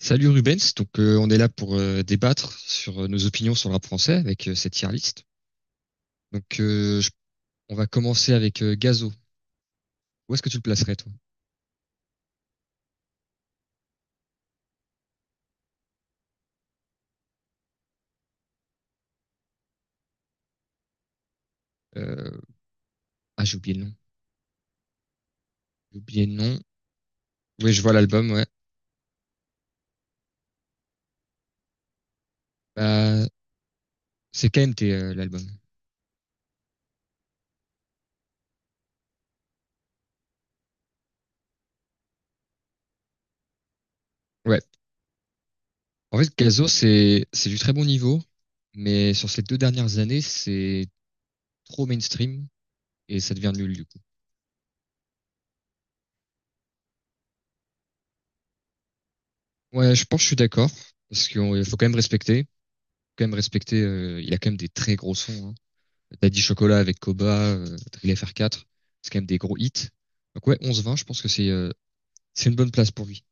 Salut Rubens, donc on est là pour débattre sur nos opinions sur le rap français avec cette tier list. Donc, on va commencer avec Gazo. Où est-ce que tu le placerais toi? Euh, ah, j'ai oublié le nom. J'ai oublié le nom. Oui, je vois l'album, ouais. Bah, c'est KMT, l'album. Ouais. En fait, Gazo, c'est du très bon niveau, mais sur ces deux dernières années, c'est trop mainstream et ça devient nul du coup. Ouais, je pense que je suis d'accord parce qu'il faut quand même respecter, faut quand même respecter. Il a quand même des très gros sons, hein. Daddy Chocolat avec Koba, Drill FR4, c'est quand même des gros hits. Donc ouais, 11-20, je pense que c'est une bonne place pour lui.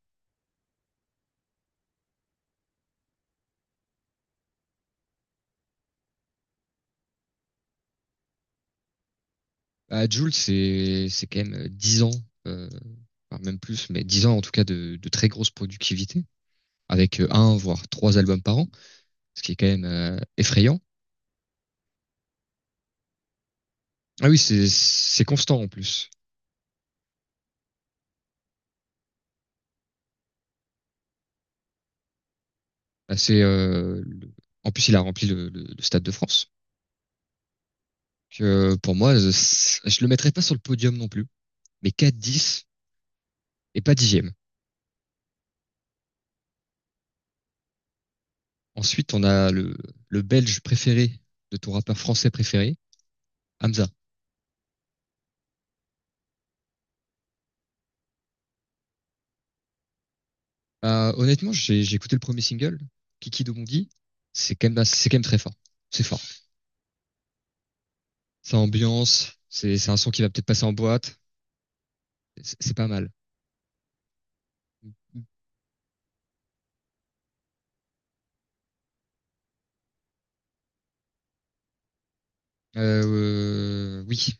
À Jules, c'est quand même 10 ans, euh, enfin, même plus, mais 10 ans en tout cas de très grosse productivité, avec un voire trois albums par an, ce qui est quand même effrayant. Ah oui, c'est constant en plus. Bah, en plus il a rempli le Stade de France. Que pour moi, je le mettrais pas sur le podium non plus, mais 4-10 et pas 10. Ensuite, on a le Belge préféré de ton rappeur français préféré, Hamza. Honnêtement, j'ai écouté le premier single, Kiki Domondi. C'est quand même très fort. C'est fort. Ça ambiance. C'est un son qui va peut-être passer en boîte. C'est pas mal. Euh, oui,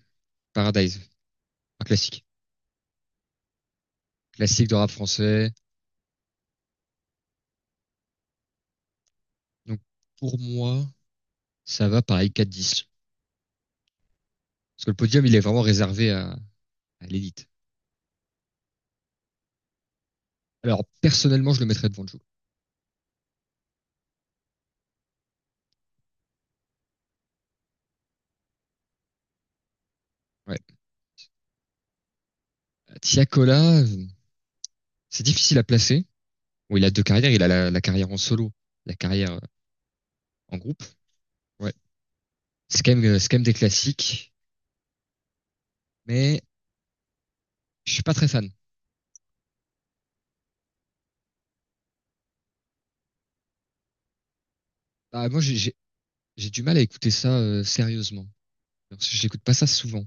Paradise, un classique. Classique de rap français. Donc, pour moi, ça va pareil 4-10. Parce que le podium, il est vraiment réservé à l'élite. Alors, personnellement, je le mettrais devant Joe. Ouais. Tiakola, c'est difficile à placer. Où il a deux carrières, il a la carrière en solo, la carrière en groupe. Ouais. C'est quand même des classiques, mais je suis pas très fan. Bah, moi, j'ai du mal à écouter ça sérieusement. Parce que j'écoute pas ça souvent.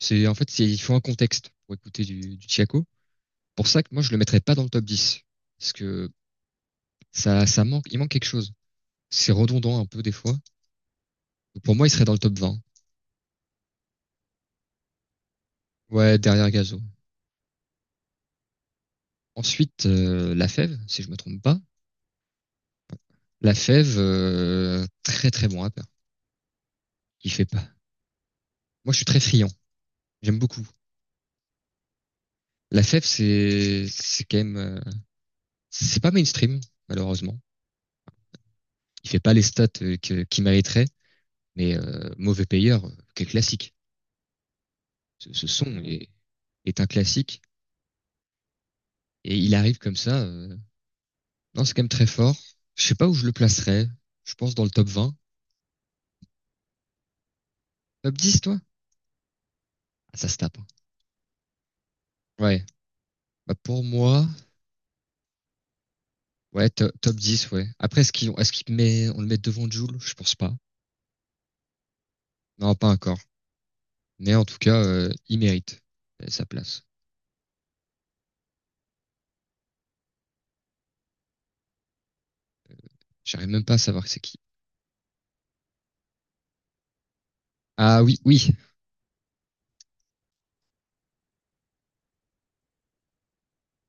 C'est en fait, c'est- Il faut un contexte pour écouter du Tiako. Pour ça que moi, je le mettrais pas dans le top 10 parce que ça manque, il manque quelque chose. C'est redondant un peu des fois. Donc, pour moi, il serait dans le top 20. Ouais, derrière Gazo. Ensuite, La Fève, si je me trompe pas. La Fève, très très bon rappeur. Il fait pas. Moi, je suis très friand. J'aime beaucoup. La Fève, c'est quand même c'est pas mainstream, malheureusement. Il fait pas les stats qu'il mériterait, mais mauvais payeur, quel classique. Ce son est un classique et il arrive comme ça. Non, c'est quand même très fort. Je sais pas où je le placerais. Je pense dans le top 20. Top 10, toi? Ah, ça se tape, hein. Ouais. Bah, pour moi, ouais, top 10, ouais. Après, on le met devant Jul? Je pense pas. Non, pas encore. Mais en tout cas, il mérite sa place. J'arrive même pas à savoir c'est qui. Ah oui, oui.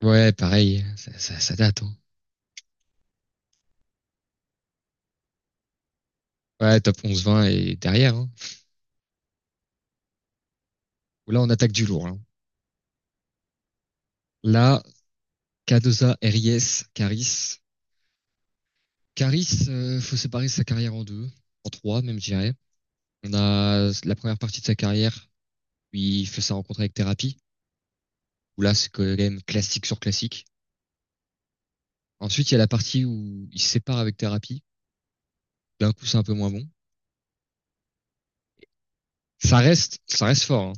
Ouais, pareil. Ça date, hein. Ouais, top 11-20 et derrière, hein. Là, on attaque du lourd, hein. Là, Cardoza, Ries, Caris. Caris, faut séparer sa carrière en deux, en trois même, je dirais. On a la première partie de sa carrière où il fait sa rencontre avec Thérapie, où là, c'est quand même classique sur classique. Ensuite, il y a la partie où il se sépare avec Thérapie. D'un coup, c'est un peu moins bon. Ça reste fort, hein.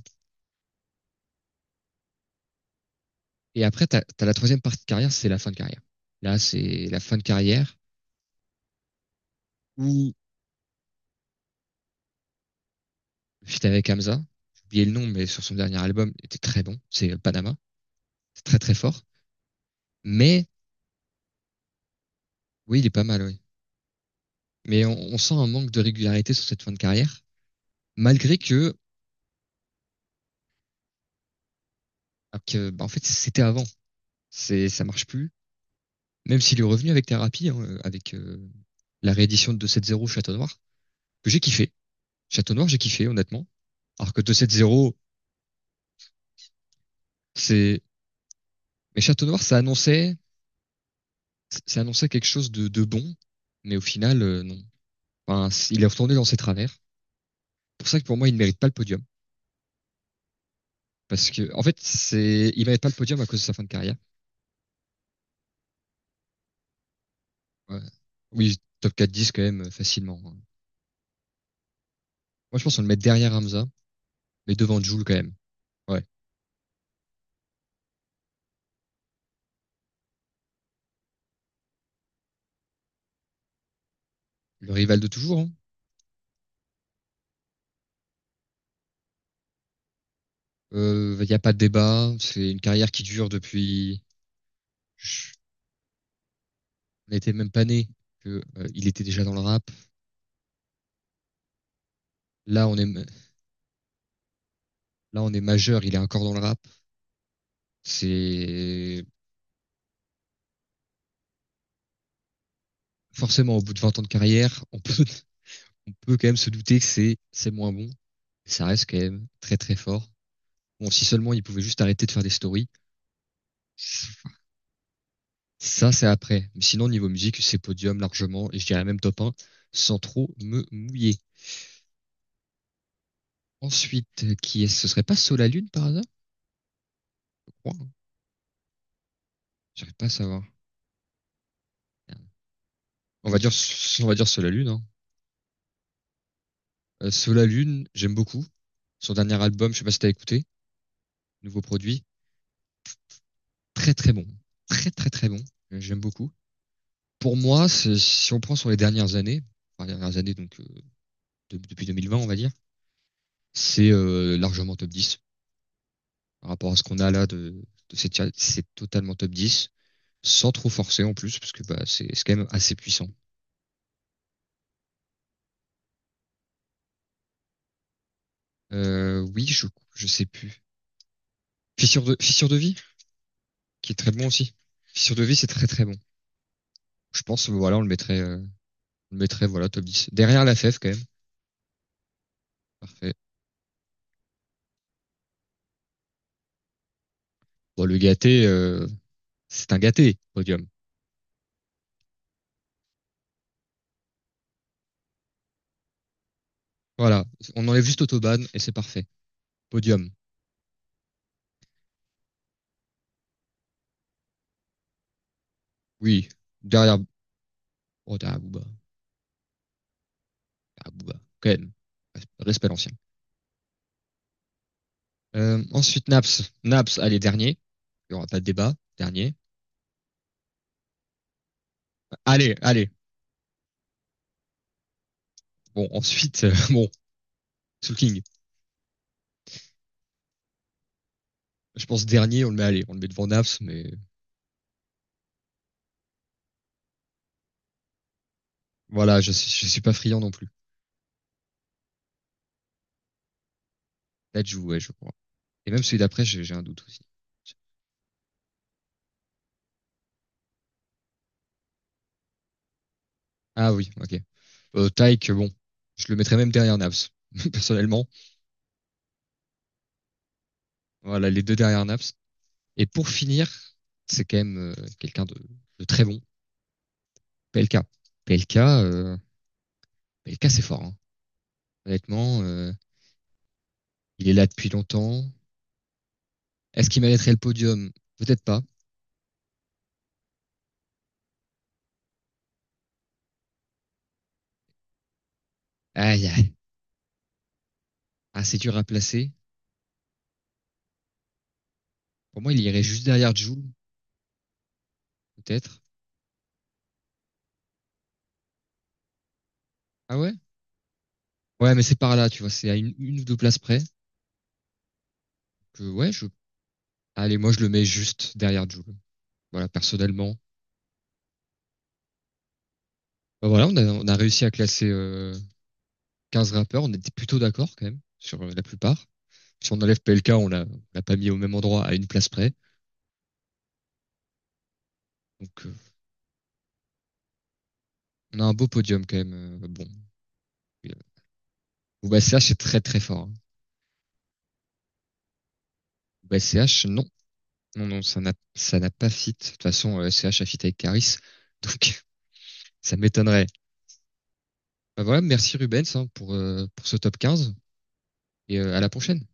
Et après, t'as la troisième partie de carrière, c'est la fin de carrière. Là, c'est la fin de carrière où le feat avec Hamza, j'ai oublié le nom, mais sur son dernier album, était très bon. C'est Panama. C'est très, très fort. Mais oui, il est pas mal, oui. Mais on sent un manque de régularité sur cette fin de carrière, malgré que, ah, que, bah, en fait, c'était avant. Ça marche plus. Même s'il est revenu avec Thérapie, hein, avec la réédition de 270 Château Noir, que j'ai kiffé. Château Noir, j'ai kiffé, honnêtement. Alors que 270, c'est... Mais Château Noir, ça annonçait quelque chose de bon, mais au final, non. Enfin, il est retourné dans ses travers. C'est pour ça que pour moi, il ne mérite pas le podium. Parce que, en fait, il mérite pas le podium à cause de sa fin de carrière. Ouais. Oui, top quatre 10 quand même, facilement, hein. Moi, je pense qu'on le met derrière Hamza, mais devant Jules quand même. Ouais. Le rival de toujours, hein. Il n'y a pas de débat. C'est une carrière qui dure depuis, on n'était même pas né. Que, il était déjà dans le rap. Là, on est majeur, il est encore dans le rap. C'est, Forcément, au bout de 20 ans de carrière, on peut quand même se douter que c'est moins bon. Ça reste quand même très très fort. Bon, si seulement ils pouvaient juste arrêter de faire des stories. Ça, c'est après. Mais sinon, niveau musique, c'est podium largement, et je dirais même top 1, sans trop me mouiller. Ensuite, qui est-ce? Ce serait pas Solalune par hasard? Je crois, hein. J'arrive pas à savoir. On va dire, on va dire Solalune, hein. Solalune, j'aime beaucoup. Son dernier album, je sais pas si t'as écouté, nouveau produit, très très bon. Très très très bon. J'aime beaucoup. Pour moi, si on prend sur les dernières années, enfin, les dernières années, donc depuis 2020, on va dire, c'est largement top 10. Par rapport à ce qu'on a là c'est totalement top 10, sans trop forcer en plus, parce que bah, c'est quand même assez puissant. Oui, je sais plus. Fissure de vie, qui est très bon aussi. Fissure de vie, c'est très très bon. Je pense, voilà, on le mettrait, voilà, top 10. Derrière la FF, quand même. Parfait. Bon, le gâté, c'est un gâté, podium. Voilà. On enlève juste Autobahn et c'est parfait. Podium. Oui, derrière, oh, derrière Booba. Derrière Booba, quand même. Respect, l'ancien. Ensuite, Naps. Naps, allez, dernier. Il n'y aura pas de débat. Dernier. Allez, allez. Bon, ensuite, bon, Soul King. Je pense dernier, on le met devant Naps, mais voilà, je suis pas friand non plus. Là, je ouais, je crois. Et même celui d'après, j'ai un doute aussi. Ah oui, ok. Tyke, bon, je le mettrais même derrière Naps, personnellement. Voilà, les deux derrière Naps. Et pour finir, c'est quand même quelqu'un de très bon. P L K. P L K, PLK. PLK, euh, P L K, c'est fort, hein. Honnêtement, il est là depuis longtemps. Est-ce qu'il mériterait le podium? Peut-être pas. Aïe, aïe. Ah, c'est dur à placer. Pour moi, il irait juste derrière Jules, peut-être. Ah ouais? Ouais, mais c'est par là, tu vois, c'est à une ou deux places près. Que, ouais, je... Allez, moi, je le mets juste derrière Jules. Voilà, personnellement. Bah, voilà, on a réussi à classer 15 rappeurs. On était plutôt d'accord, quand même, sur la plupart. Si on enlève PLK, on l'a pas mis au même endroit, à une place près. Donc, euh, On a un beau podium quand même. euh, bon, CH est très très fort. Hein. CH, non. Non, non, ça n'a pas fit. De toute façon, CH a fit avec Karis. Donc, ça m'étonnerait. Bah voilà, merci Rubens, hein, pour ce top 15. À la prochaine.